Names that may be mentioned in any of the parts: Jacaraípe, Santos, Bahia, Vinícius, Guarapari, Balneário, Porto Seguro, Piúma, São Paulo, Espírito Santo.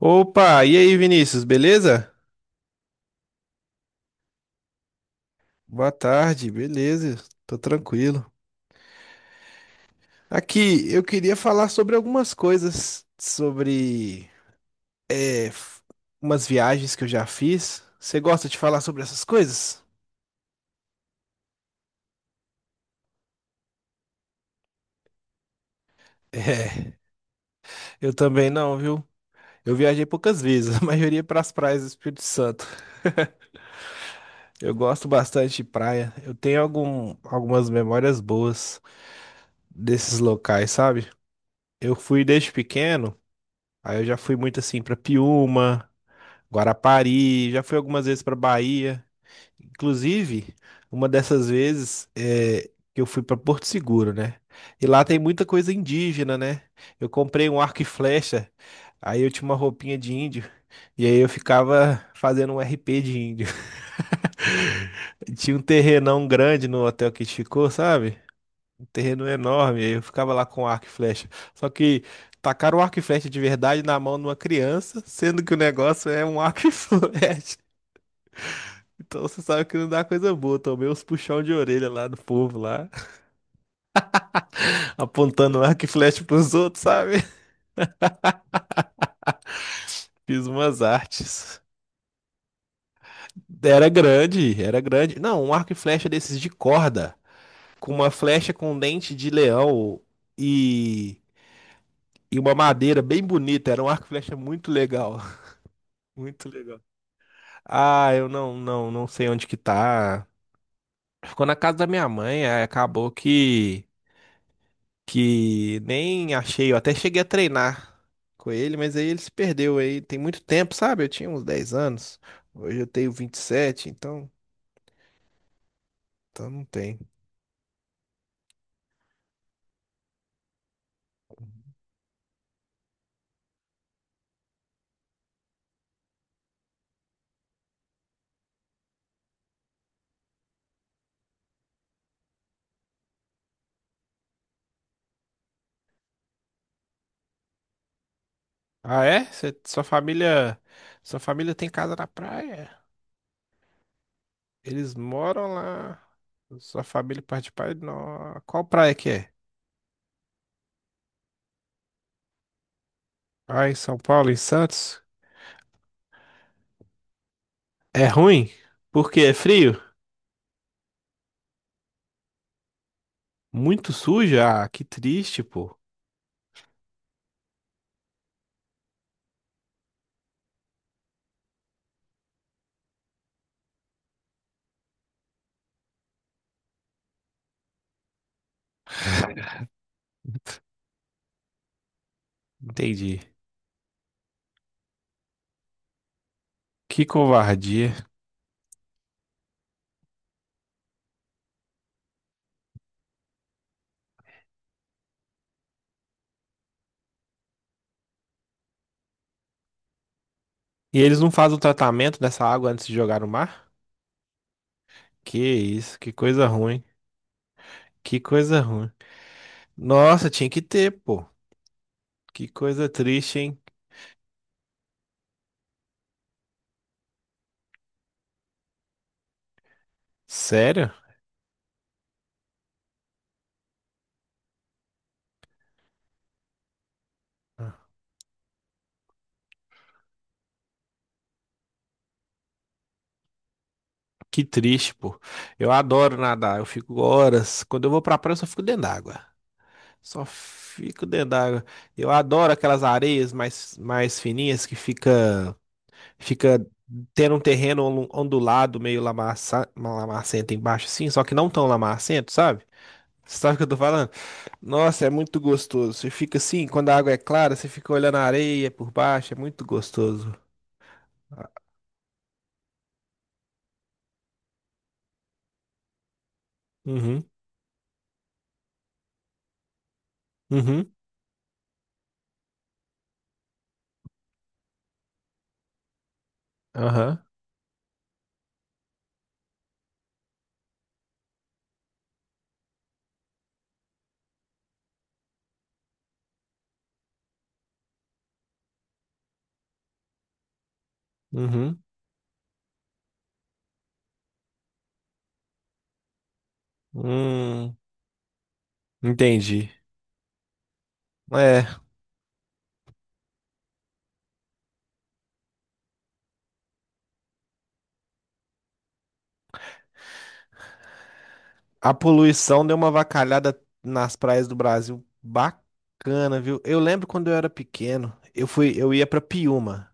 Opa, e aí, Vinícius, beleza? Boa tarde, beleza, tô tranquilo. Aqui, eu queria falar sobre algumas coisas, sobre é, f- umas viagens que eu já fiz. Você gosta de falar sobre essas coisas? É, eu também não, viu? Eu viajei poucas vezes, a maioria é para as praias do Espírito Santo. Eu gosto bastante de praia, eu tenho algumas memórias boas desses locais, sabe? Eu fui desde pequeno, aí eu já fui muito assim para Piúma. Guarapari, já fui algumas vezes para Bahia. Inclusive, uma dessas vezes que eu fui para Porto Seguro, né? E lá tem muita coisa indígena, né? Eu comprei um arco e flecha, aí eu tinha uma roupinha de índio, e aí eu ficava fazendo um RP de índio. Tinha um terrenão grande no hotel que a gente ficou, sabe? Um terreno enorme, aí eu ficava lá com arco e flecha. Só que tacaram o arco e flecha de verdade na mão de uma criança, sendo que o negócio é um arco e flecha. Então você sabe que não dá coisa boa. Tomei uns puxão de orelha lá do povo lá, apontando arco e flecha pros outros, sabe? Fiz umas artes. Era grande, era grande. Não, um arco e flecha desses de corda, com uma flecha com dente de leão e, e uma madeira bem bonita. Era um arco e flecha muito legal, muito legal. Ah, eu não sei onde que tá. Ficou na casa da minha mãe, aí acabou que nem achei, eu até cheguei a treinar com ele, mas aí ele se perdeu aí, tem muito tempo, sabe? Eu tinha uns 10 anos, hoje eu tenho 27. Então não tem. Ah, é? Sua família tem casa na praia? Eles moram lá. Sua família parte de pai? Não. Qual praia que é? Ah, em São Paulo, em Santos? É ruim? Porque é frio? Muito suja? Ah, que triste, pô. Entendi. Que covardia. E eles não fazem o tratamento dessa água antes de jogar no mar? Que isso, que coisa ruim. Que coisa ruim. Nossa, tinha que ter, pô. Que coisa triste, hein? Sério? Que triste, pô. Eu adoro nadar, eu fico horas. Quando eu vou pra praia, eu só fico dentro d'água. Só fico dentro d'água. Eu adoro aquelas areias mais fininhas que fica tendo um terreno ondulado, meio lamacento embaixo, assim, só que não tão lamacento, sabe? Você sabe o que eu tô falando? Nossa, é muito gostoso. Você fica assim, quando a água é clara, você fica olhando a areia por baixo, é muito gostoso. Uhum, uhum, aham, uhum, hum, entendi. É, a poluição deu uma avacalhada nas praias do Brasil. Bacana, viu? Eu lembro quando eu era pequeno, eu ia pra Piúma.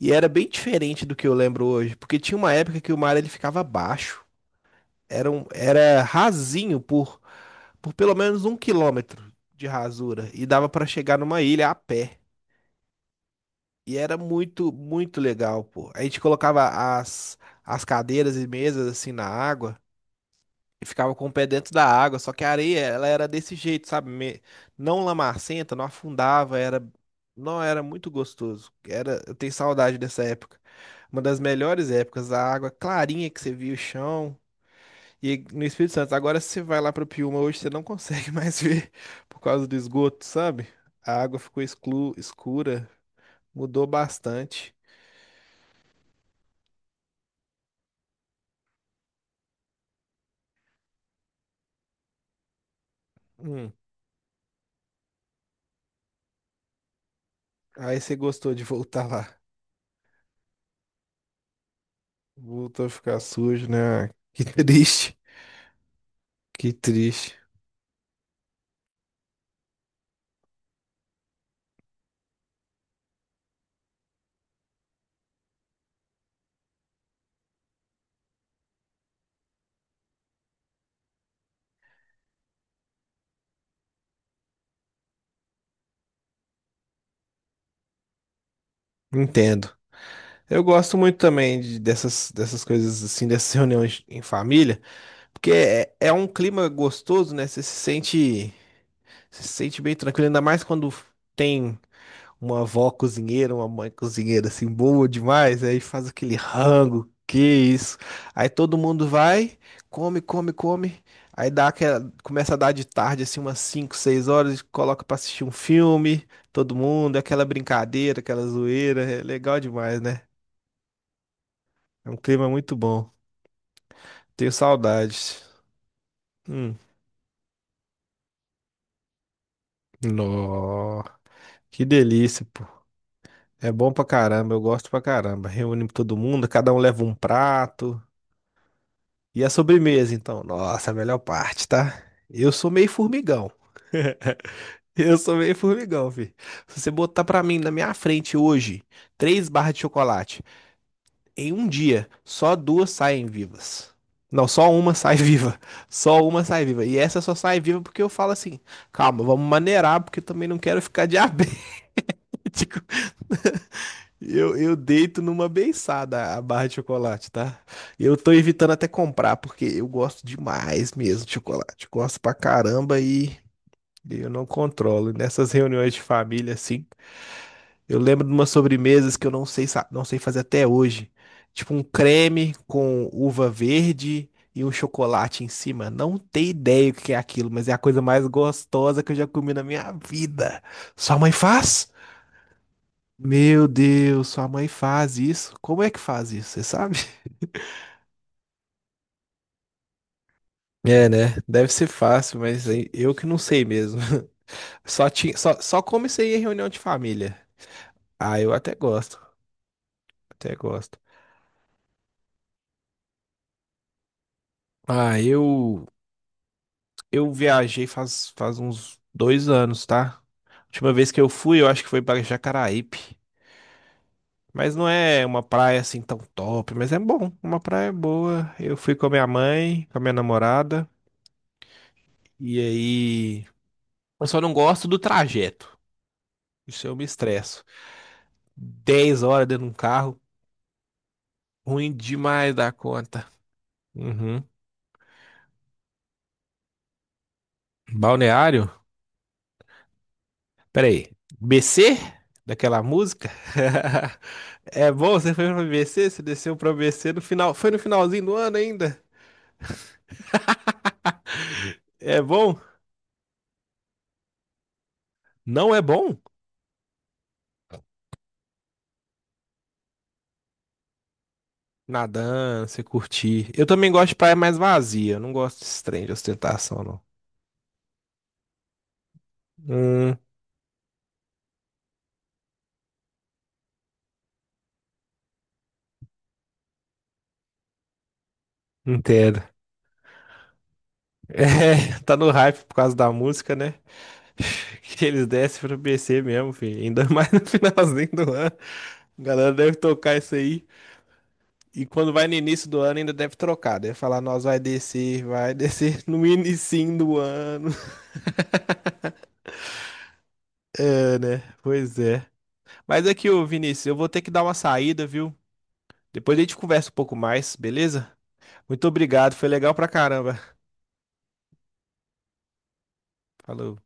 E era bem diferente do que eu lembro hoje, porque tinha uma época que o mar ele ficava baixo. Era rasinho por pelo menos 1 quilômetro de rasura. E dava pra chegar numa ilha a pé. E era muito, muito legal, pô. A gente colocava as, as cadeiras e mesas assim na água e ficava com o pé dentro da água. Só que a areia, ela era desse jeito, sabe? Não lamacenta, não afundava, era. Não, era muito gostoso. Era, eu tenho saudade dessa época. Uma das melhores épocas, a água clarinha que você via o chão. E no Espírito Santo, agora se você vai lá para Piúma hoje, você não consegue mais ver por causa do esgoto, sabe? A água ficou escura, mudou bastante. Hum, Aí você gostou de voltar lá. Voltou a ficar sujo, né? Que triste, que triste. Entendo. Eu gosto muito também dessas coisas assim, dessas reuniões em família, porque é um clima gostoso, né? Você se sente bem tranquilo, ainda mais quando tem. Uma avó cozinheira, uma mãe cozinheira assim, boa demais, aí faz aquele rango, que isso. Aí todo mundo vai, come, come, come. Aí dá aquela, começa a dar de tarde, assim, umas 5 6 horas, coloca pra assistir um filme, todo mundo, aquela brincadeira, aquela zoeira, é legal demais, né? É um clima muito bom. Tenho saudades. Hum. Nó, que delícia, pô. É bom pra caramba, eu gosto pra caramba. Reúne todo mundo, cada um leva um prato. E a sobremesa, então? Nossa, a melhor parte, tá? Eu sou meio formigão. Eu sou meio formigão, filho. Se você botar pra mim na minha frente hoje três barras de chocolate, em um dia, só duas saem vivas. Não, só uma sai viva. Só uma sai viva. E essa só sai viva porque eu falo assim: calma, vamos maneirar, porque eu também não quero ficar diabético. Eu deito numa beiçada a barra de chocolate, tá? Eu tô evitando até comprar, porque eu gosto demais mesmo de chocolate. Gosto pra caramba e eu não controlo. Nessas reuniões de família, assim, eu lembro de umas sobremesas que eu não sei, não sei fazer até hoje. Tipo um creme com uva verde e um chocolate em cima. Não tenho ideia o que é aquilo, mas é a coisa mais gostosa que eu já comi na minha vida. Sua mãe faz? Meu Deus, sua mãe faz isso? Como é que faz isso? Você sabe? É, né? Deve ser fácil, mas aí eu que não sei mesmo. Só comecei em reunião de família. Ah, eu até gosto, até gosto. Ah, eu viajei faz uns 2 anos, tá? Última vez que eu fui, eu acho que foi para Jacaraípe. Mas não é uma praia assim tão top, mas é bom, uma praia boa. Eu fui com a minha mãe, com a minha namorada, e aí eu só não gosto do trajeto. Isso eu me estresso. 10 horas dentro de um carro, ruim demais da conta. Uhum. Balneário? Peraí. BC? Daquela música? É bom? Você foi pra BC? Você desceu pra BC no final. Foi no finalzinho do ano ainda? É bom? Não é bom? Nadando, você curtir. Eu também gosto de praia mais vazia. Eu não gosto desse trem de ostentação, não. Hum, Entendo. É, tá no hype por causa da música, né? Que eles descem pro BC mesmo, filho. Ainda mais no finalzinho do ano. A galera deve tocar isso aí. E quando vai no início do ano, ainda deve trocar. Deve falar, nós vai descer no inicinho do ano. É, né? Pois é. Mas aqui, ô Vinícius, eu vou ter que dar uma saída, viu? Depois a gente conversa um pouco mais, beleza? Muito obrigado, foi legal pra caramba. Falou.